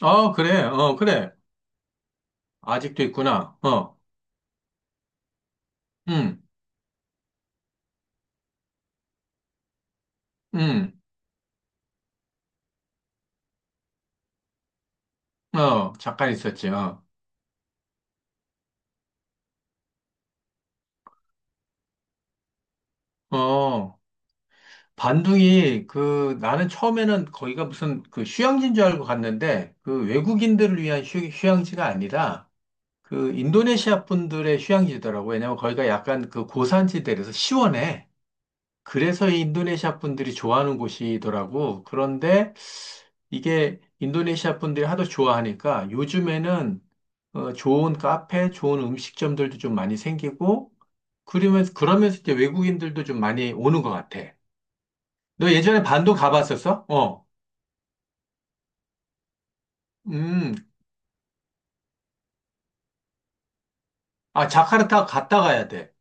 어, 그래, 어, 그래. 아직도 있구나. 어, 음, 음, 어, 잠깐 있었지. 어, 어, 반둥이, 그, 나는 처음에는 거기가 무슨 그 휴양지인 줄 알고 갔는데, 그 외국인들을 위한 휴양지가 아니라, 그 인도네시아 분들의 휴양지더라고. 왜냐면 거기가 약간 그 고산지대라서 시원해. 그래서 이 인도네시아 분들이 좋아하는 곳이더라고. 그런데 이게 인도네시아 분들이 하도 좋아하니까 요즘에는 어, 좋은 카페, 좋은 음식점들도 좀 많이 생기고 그러면서 이제 외국인들도 좀 많이 오는 것 같아. 너 예전에 반도 가봤었어? 어. 음. 아, 자카르타 갔다 가야 돼.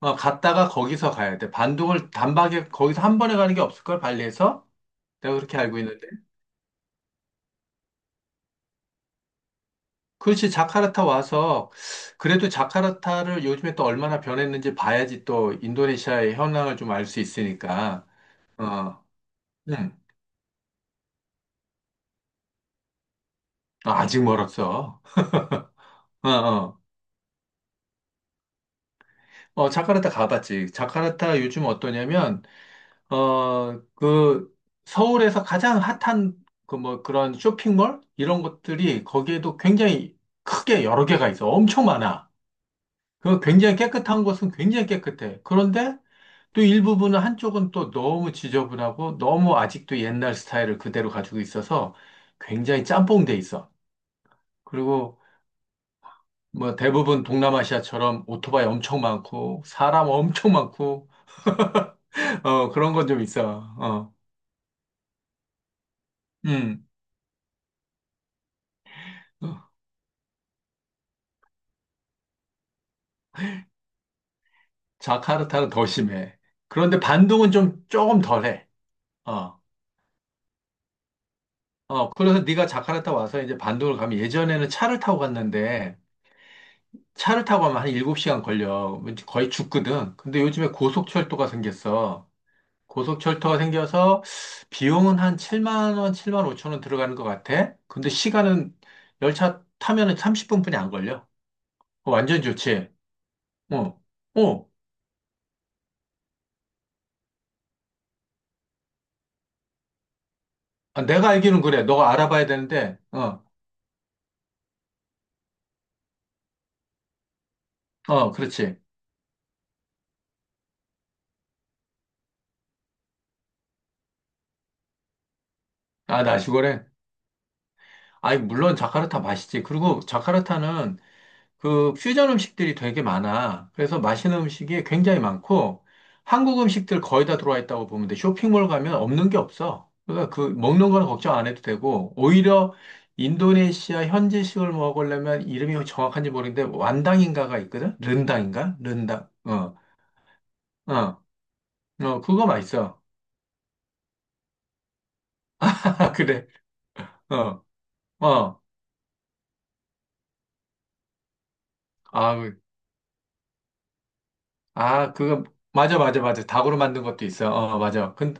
어, 갔다가 거기서 가야 돼. 반도를 단박에 거기서 한 번에 가는 게 없을걸? 발리에서? 내가 그렇게 알고 있는데. 그렇지, 자카르타 와서, 그래도 자카르타를 요즘에 또 얼마나 변했는지 봐야지 또 인도네시아의 현황을 좀 알 수 있으니까, 어, 응. 아, 아직 멀었어. 어, 어. 어, 자카르타 가봤지. 자카르타 요즘 어떠냐면, 어, 그, 서울에서 가장 핫한 그 뭐 그런 쇼핑몰? 이런 것들이 거기에도 굉장히 크게 여러 개가 있어. 엄청 많아. 그 굉장히 깨끗한 곳은 굉장히 깨끗해. 그런데 또 일부분은 한쪽은 또 너무 지저분하고 너무 아직도 옛날 스타일을 그대로 가지고 있어서 굉장히 짬뽕돼 있어. 그리고 뭐 대부분 동남아시아처럼 오토바이 엄청 많고 사람 엄청 많고 어 그런 건 좀 있어. 어. 음. 어, 자카르타는 더 심해. 그런데 반둥은 좀 조금 덜해. 어. 어. 그래서 네가 자카르타 와서 이제 반둥을 가면 예전에는 차를 타고 갔는데 차를 타고 가면 한 7시간 걸려. 거의 죽거든. 근데 요즘에 고속철도가 생겼어. 고속철도가 생겨서 비용은 한 7만 원, 7만 5천 원 들어가는 것 같아. 근데 시간은 열차 타면은 30분뿐이 안 걸려. 어, 완전 좋지. 어, 어, 아, 내가 알기는 그래. 너가 알아봐야 되는데, 어, 어, 그렇지. 아, 나시골에. 아니, 물론 자카르타 맛있지. 그리고 자카르타는 그 퓨전 음식들이 되게 많아. 그래서 맛있는 음식이 굉장히 많고 한국 음식들 거의 다 들어와 있다고 보면 돼. 쇼핑몰 가면 없는 게 없어. 그러니까 그 먹는 거는 걱정 안 해도 되고 오히려 인도네시아 현지식을 먹으려면 이름이 정확한지 모르겠는데 완당인가가 있거든? 른당인가? 른당. 어. 어. 어, 그거 맛있어. 그래. 어. 어. 아, 그- 아, 그거 맞아 맞아 맞아. 닭으로 만든 것도 있어. 어, 맞아. 근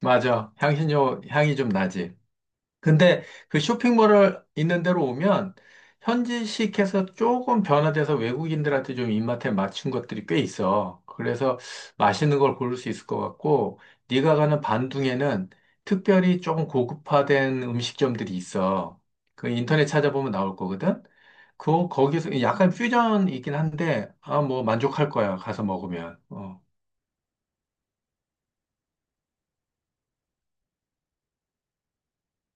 맞아. 향신료 향이 좀 나지. 근데 그 쇼핑몰을 있는 데로 오면 현지식에서 조금 변화돼서 외국인들한테 좀 입맛에 맞춘 것들이 꽤 있어. 그래서 맛있는 걸 고를 수 있을 것 같고, 네가 가는 반둥에는 특별히 조금 고급화된 음식점들이 있어. 그 인터넷 찾아보면 나올 거거든. 그 거기서 약간 퓨전이긴 한데, 아, 뭐 만족할 거야. 가서 먹으면. 어.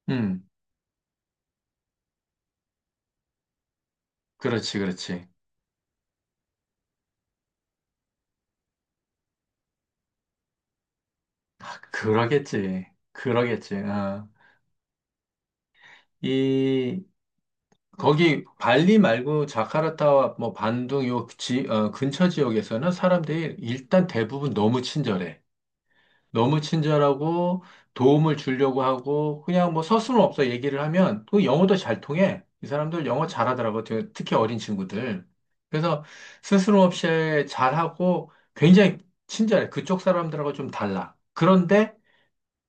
음, 그렇지, 그렇지. 아, 그러겠지. 그러겠지. 어. 이 거기 발리 말고 자카르타와 뭐 반둥 요 지, 어, 근처 지역에서는 사람들이 일단 대부분 너무 친절해. 너무 친절하고 도움을 주려고 하고 그냥 뭐 서슴없어 얘기를 하면 또 영어도 잘 통해. 이 사람들 영어 잘하더라고. 특히 어린 친구들. 그래서 스스럼없이 잘하고 굉장히 친절해. 그쪽 사람들하고 좀 달라. 그런데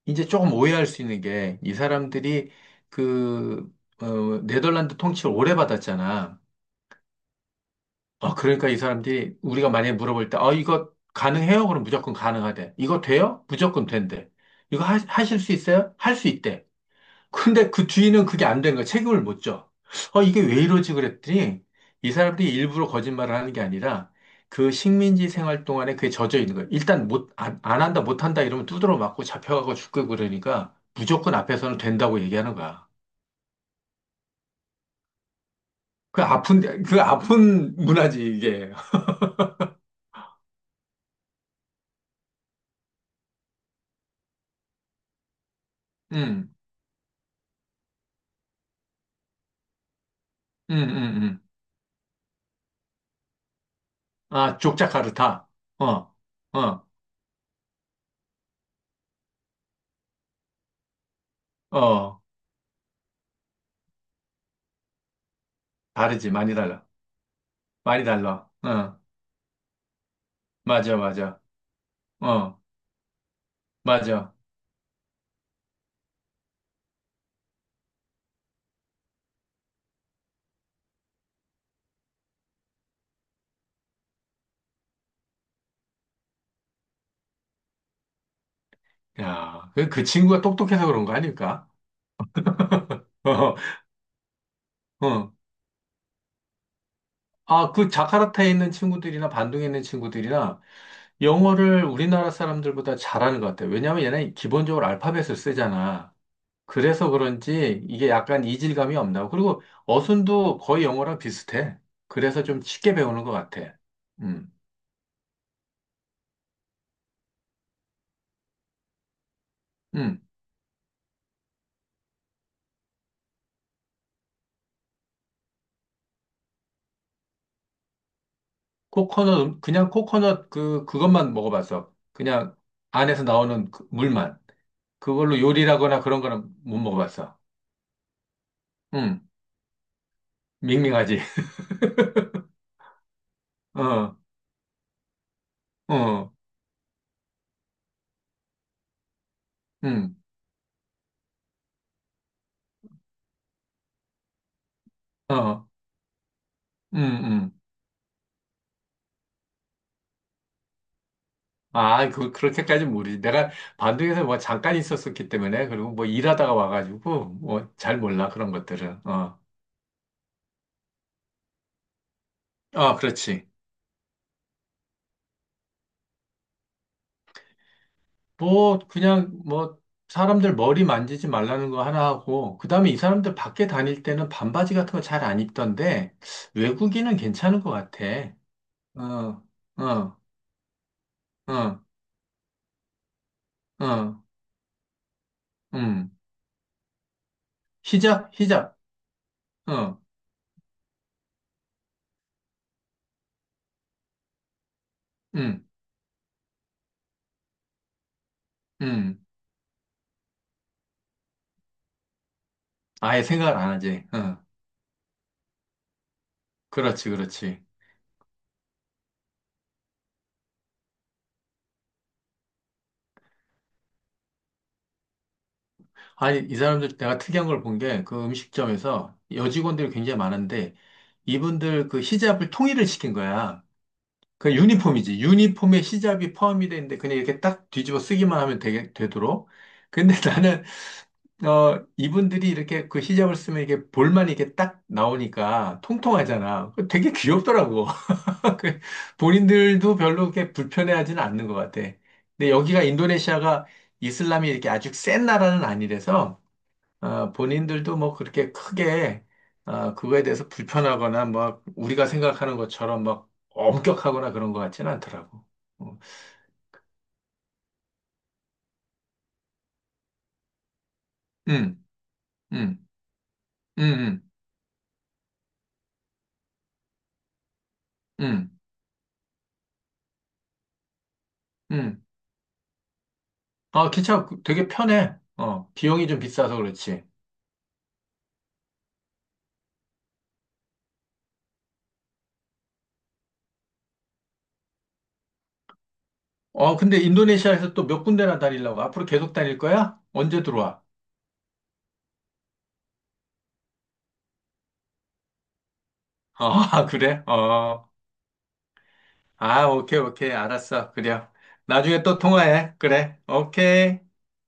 이제 조금 오해할 수 있는 게 이 사람들이 그 어, 네덜란드 통치를 오래 받았잖아. 아, 그러니까 이 사람들이 우리가 만약에 물어볼 때, 어, 이거 가능해요? 그럼 무조건 가능하대. 이거 돼요? 무조건 된대. 이거 하실 수 있어요? 할 수 있대. 근데 그 뒤는 그게 안 된 거야. 책임을 못 져. 어, 이게 왜 이러지? 그랬더니 이 사람들이 일부러 거짓말을 하는 게 아니라 그 식민지 생활 동안에 그게 젖어 있는 거야. 일단 못, 안 한다, 못 한다 이러면 두드러 맞고 잡혀가고 죽고 그러니까 무조건 앞에서는 된다고 얘기하는 거야. 그 아픈, 그 아픈 문화지, 이게. 응응응 아, 족자카르타. 어, 어, 어. 다르지. 많이 달라. 많이 달라. 어, 맞아, 맞아. 어, 맞아. 야, 그, 그 친구가 똑똑해서 그런 거 아닐까? 어, 어. 아, 그 자카르타에 있는 친구들이나 반둥에 있는 친구들이나 영어를 우리나라 사람들보다 잘하는 것 같아요. 왜냐하면 얘는 기본적으로 알파벳을 쓰잖아. 그래서 그런지 이게 약간 이질감이 없나. 그리고 어순도 거의 영어랑 비슷해. 그래서 좀 쉽게 배우는 것 같아. 음, 음. 코코넛, 그냥 코코넛 그, 그것만 먹어봤어. 그냥 안에서 나오는 그 물만. 그걸로 요리라거나 그런 거는 못 먹어봤어. 응, 밍밍하지. 어, 어, 응, 어, 응, 응. 아, 그, 그렇게까지 모르지. 내가 반둥에서 뭐 잠깐 있었었기 때문에, 그리고 뭐 일하다가 와가지고, 뭐 잘 몰라, 그런 것들은. 어, 아, 그렇지. 뭐, 그냥 뭐, 사람들 머리 만지지 말라는 거 하나 하고, 그 다음에 이 사람들 밖에 다닐 때는 반바지 같은 거 잘 안 입던데, 외국인은 괜찮은 것 같아. 어, 어, 어, 어, 음. 히잡, 히잡, 어, 음, 음. 아예 생각을 안 하지. 어, 그렇지, 그렇지. 아니, 이 사람들 내가 특이한 걸 본 게, 그 음식점에서 여직원들이 굉장히 많은데, 이분들 그 히잡을 통일을 시킨 거야. 그 유니폼이지. 유니폼에 시잡이 포함이 되는데 그냥 이렇게 딱 뒤집어 쓰기만 하면 되게, 되도록. 근데 나는 어 이분들이 이렇게 그 시잡을 쓰면 이게 볼만 이렇게 딱 나오니까 통통하잖아. 그 되게 귀엽더라고. 그 본인들도 별로 그렇게 불편해하지는 않는 것 같아. 근데 여기가 인도네시아가 이슬람이 이렇게 아주 센 나라는 아니라서 아, 본인들도 뭐 그렇게 크게 아, 그거에 대해서 불편하거나 막 우리가 생각하는 것처럼 막 엄격하거나 그런 것 같지는 않더라고. 어, 음, 음, 음, 음, 음, 음. 아, 기차 그 되게 편해. 어, 비용이 좀 비싸서 그렇지. 어, 근데 인도네시아에서 또 몇 군데나 다니려고? 앞으로 계속 다닐 거야? 언제 들어와? 어, 아, 그래? 어. 아, 오케이, 오케이. 알았어. 그래. 나중에 또 통화해. 그래. 오케이.